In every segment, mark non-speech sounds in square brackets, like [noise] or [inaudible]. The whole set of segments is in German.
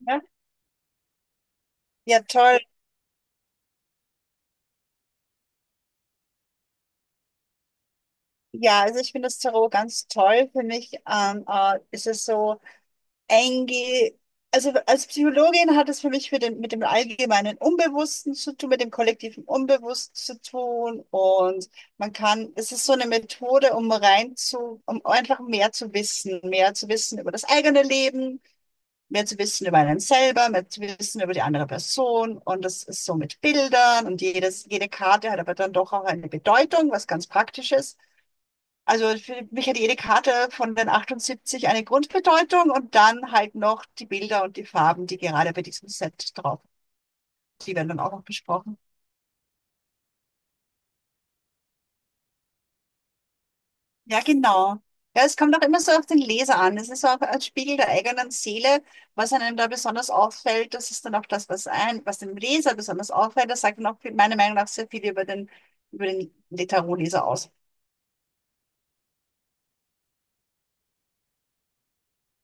Ja, ja, toll. Ja, also ich finde das Tarot ganz toll. Für mich ist es so einge... Also als Psychologin hat es für mich mit dem allgemeinen Unbewussten zu tun, mit dem kollektiven Unbewussten zu tun. Und man kann, es ist so eine Methode, um einfach mehr zu wissen über das eigene Leben, mehr zu wissen über einen selber, mehr zu wissen über die andere Person. Und das ist so mit Bildern und jede Karte hat aber dann doch auch eine Bedeutung, was ganz praktisch ist. Also für mich hat jede Karte von den 78 eine Grundbedeutung und dann halt noch die Bilder und die Farben, die gerade bei diesem Set drauf, die werden dann auch noch besprochen. Ja, genau. Ja, es kommt auch immer so auf den Leser an. Es ist auch ein Spiegel der eigenen Seele, was einem da besonders auffällt. Das ist dann auch das, was ein, was dem Leser besonders auffällt. Das sagt dann auch meiner Meinung nach sehr viel über den, über den Tarotleser aus.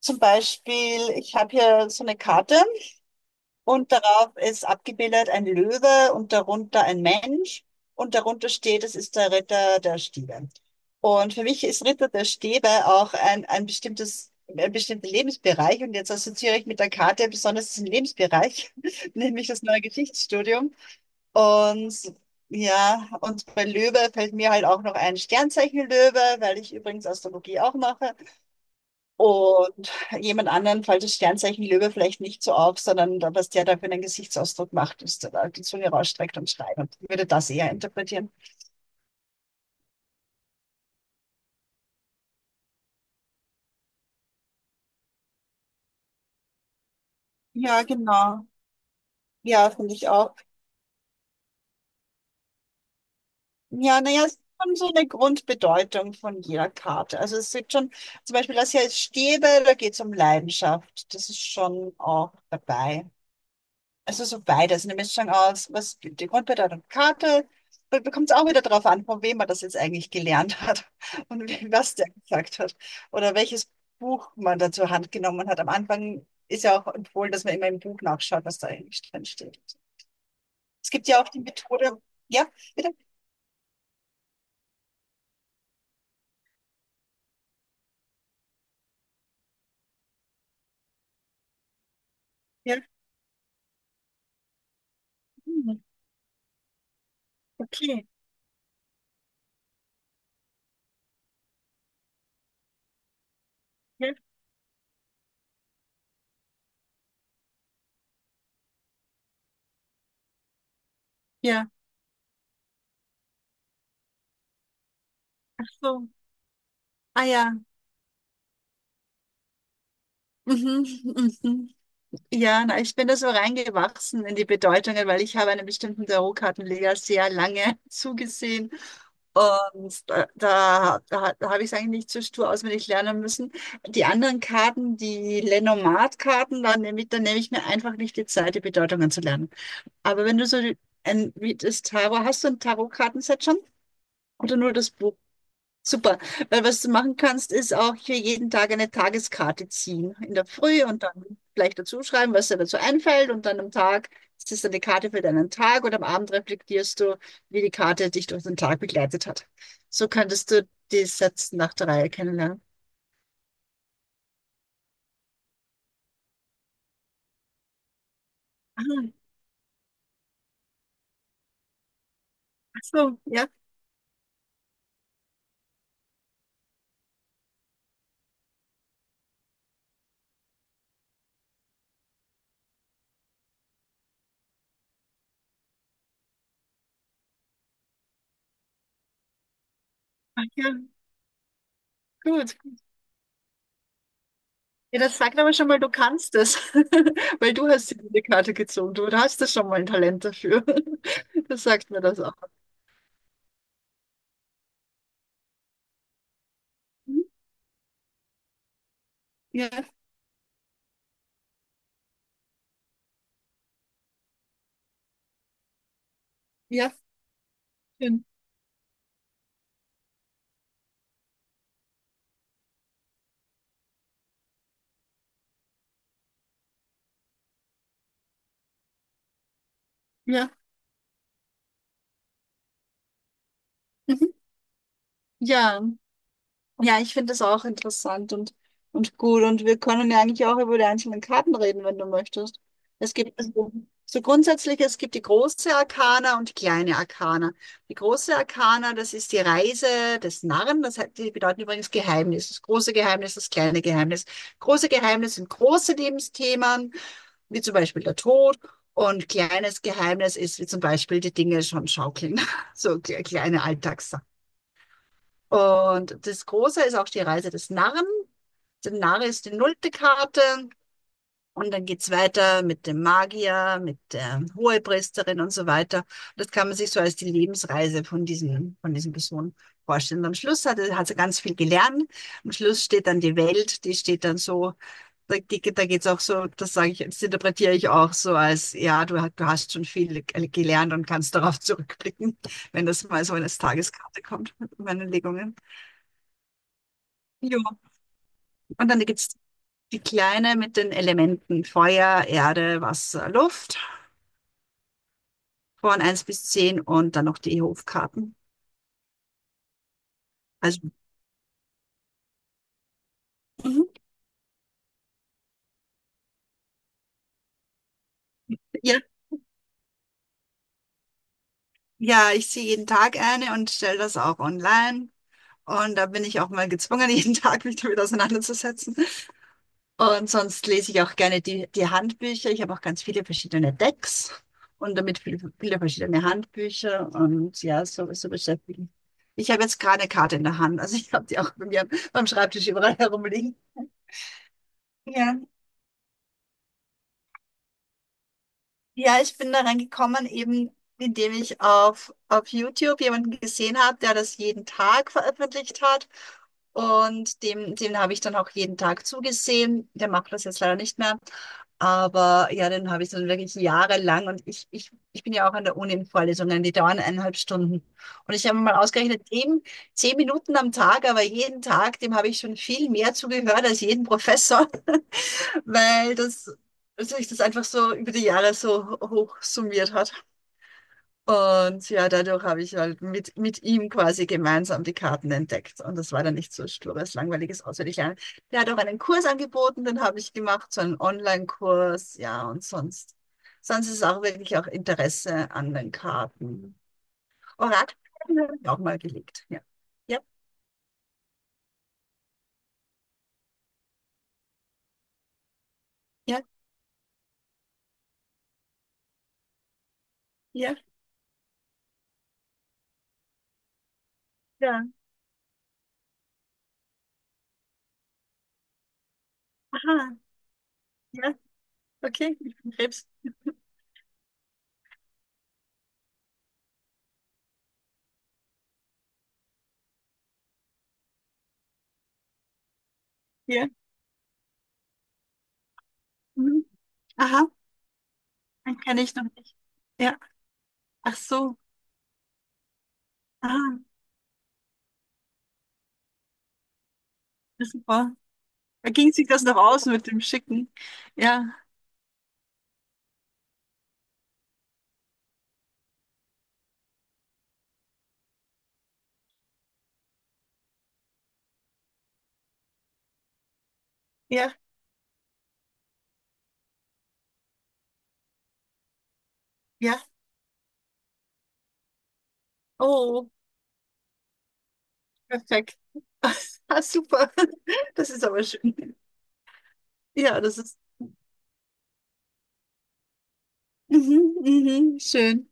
Zum Beispiel, ich habe hier so eine Karte. Und darauf ist abgebildet ein Löwe und darunter ein Mensch. Und darunter steht, es ist der Ritter der Stäbe. Und für mich ist Ritter der Stäbe auch ein bestimmter Lebensbereich. Und jetzt assoziiere ich mit der Karte besonders diesen Lebensbereich, [laughs] nämlich das neue Geschichtsstudium. Und ja, und bei Löwe fällt mir halt auch noch ein Sternzeichen Löwe, weil ich übrigens Astrologie auch mache. Und jemand anderen fällt das Sternzeichen Löwe vielleicht nicht so auf, sondern was der da für einen Gesichtsausdruck macht, ist da die Zunge rausstreckt und schreit und ich würde das eher interpretieren. Ja, genau. Ja, finde ich auch. Ja, naja, es ist schon so eine Grundbedeutung von jeder Karte. Also es sind schon, zum Beispiel das hier ist Stäbe, da geht es um Leidenschaft. Das ist schon auch dabei. Also so beides, eine Mischung aus, was die Grundbedeutung Karte, da kommt es auch wieder darauf an, von wem man das jetzt eigentlich gelernt hat [laughs] und was der gesagt hat oder welches Buch man da zur Hand genommen hat. Am Anfang ist ja auch empfohlen, dass man immer im Buch nachschaut, was da eigentlich drin steht. Es gibt ja auch die Methode, ja, bitte. Ja, hm, okay. Ja, ja, so. Ah ja. Mhm, mhm. Ja, na, ich bin da so reingewachsen in die Bedeutungen, weil ich habe einem bestimmten Tarotkartenleger sehr lange [laughs] zugesehen und da habe ich es eigentlich nicht so stur auswendig lernen müssen. Die anderen Karten, die Lenormand-Karten, da nehme ich mir einfach nicht die Zeit, die Bedeutungen zu lernen. Aber wenn du so wie das Tarot, hast du ein Tarotkartenset schon? Oder nur das Buch? Super, weil was du machen kannst, ist auch hier jeden Tag eine Tageskarte ziehen. In der Früh und dann vielleicht dazu schreiben, was dir dazu einfällt. Und dann am Tag ist es dann die Karte für deinen Tag und am Abend reflektierst du, wie die Karte dich durch den Tag begleitet hat. So könntest du die Sätze nach der Reihe kennenlernen. Ah, ach so, ja. Ach ja, gut. Ja, das sagt aber schon mal, du kannst es, [laughs] weil du hast dir diese Karte gezogen. Du hast da schon mal ein Talent dafür. [laughs] Das sagt mir das auch. Mhm. Ja, ja, schön. Ja. Mhm. Ja, ja, ich finde das auch interessant und gut. Und wir können ja eigentlich auch über die einzelnen Karten reden, wenn du möchtest. Es gibt so grundsätzlich, es gibt die große Arkana und die kleine Arkana. Die große Arkana, das ist die Reise des Narren. Das hat, die bedeuten übrigens Geheimnis. Das große Geheimnis, das kleine Geheimnis. Große Geheimnis sind große Lebensthemen, wie zum Beispiel der Tod. Und kleines Geheimnis ist, wie zum Beispiel die Dinge schon schaukeln. [laughs] So kleine Alltags. Und das Große ist auch die Reise des Narren. Der Narr ist die nullte Karte. Und dann geht's weiter mit dem Magier, mit der Hohepriesterin und so weiter. Das kann man sich so als die Lebensreise von diesen Personen vorstellen. Und am Schluss hat sie ganz viel gelernt. Am Schluss steht dann die Welt, die steht dann so, da, die, da geht's auch so, das sage ich, das interpretiere ich auch so als, ja, du, du hast schon viel gelernt und kannst darauf [laughs] zurückblicken, wenn das mal so in als Tageskarte kommt, meine Legungen. Jo. Und dann gibt's die kleine mit den Elementen Feuer, Erde, Wasser, Luft von 1 bis 10 und dann noch die Hofkarten. Also. Mhm. Ja, ja, ich ziehe jeden Tag eine und stelle das auch online. Und da bin ich auch mal gezwungen, [laughs] jeden Tag mich damit auseinanderzusetzen. Und sonst lese ich auch gerne die Handbücher. Ich habe auch ganz viele verschiedene Decks und damit viele, viele verschiedene Handbücher. Und ja, so, so beschäftigen. Ich habe jetzt gerade eine Karte in der Hand. Also ich habe die auch bei mir beim Schreibtisch überall [laughs] herumliegen. Ja, ja, ich bin da reingekommen, eben indem ich auf YouTube jemanden gesehen habe, der das jeden Tag veröffentlicht hat. Und dem habe ich dann auch jeden Tag zugesehen. Der macht das jetzt leider nicht mehr. Aber ja, den habe ich dann wirklich jahrelang. Und ich bin ja auch an der Uni in Vorlesungen, die dauern 1,5 Stunden. Und ich habe mal ausgerechnet, dem 10 Minuten am Tag, aber jeden Tag, dem habe ich schon viel mehr zugehört als jeden Professor. Weil das sich das einfach so über die Jahre so hoch summiert hat. Und ja, dadurch habe ich halt mit ihm quasi gemeinsam die Karten entdeckt. Und das war dann nicht so stures, langweiliges Auswendiglernen. Der hat auch einen Kurs angeboten, den habe ich gemacht, so einen Online-Kurs, ja, und sonst. Sonst ist auch wirklich auch Interesse an den Karten. Orakelkarten habe ich auch mal gelegt, ja. Ja, ja, ja, ja. Aha, ja, okay. Krebs, ja. Mhm. Aha. Den kenne ich noch nicht. Ja, ach so. Ah, ja, super. Da ging sich das noch aus mit dem Schicken. Ja, ja, ja. Oh, perfekt. [laughs] Ah, super. Das ist aber schön. Ja, das ist. Mhm, mhm, schön.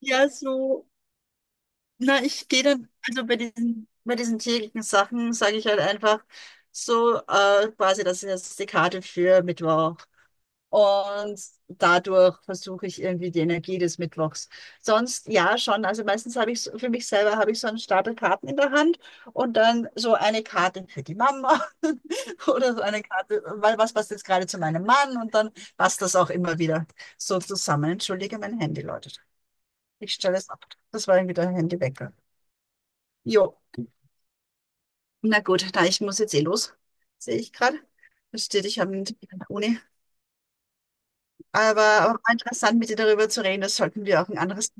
Ja, so. Na, ich gehe dann, also bei diesen täglichen Sachen sage ich halt einfach so, quasi, das ist jetzt die Karte für Mittwoch. Und dadurch versuche ich irgendwie die Energie des Mittwochs. Sonst ja schon. Also meistens habe ich für mich selber habe ich so einen Stapel Karten in der Hand und dann so eine Karte für die Mama [laughs] oder so eine Karte, weil was passt jetzt gerade zu meinem Mann und dann passt das auch immer wieder so zusammen. Entschuldige, mein Handy läutet. Ich stelle es ab. Das war irgendwie der Handywecker. Jo, na gut, na, ich muss jetzt eh los. Sehe ich gerade. Da steht, ich habe einen Termin an der Uni. Aber war interessant, mit dir darüber zu reden. Das sollten wir auch ein anderes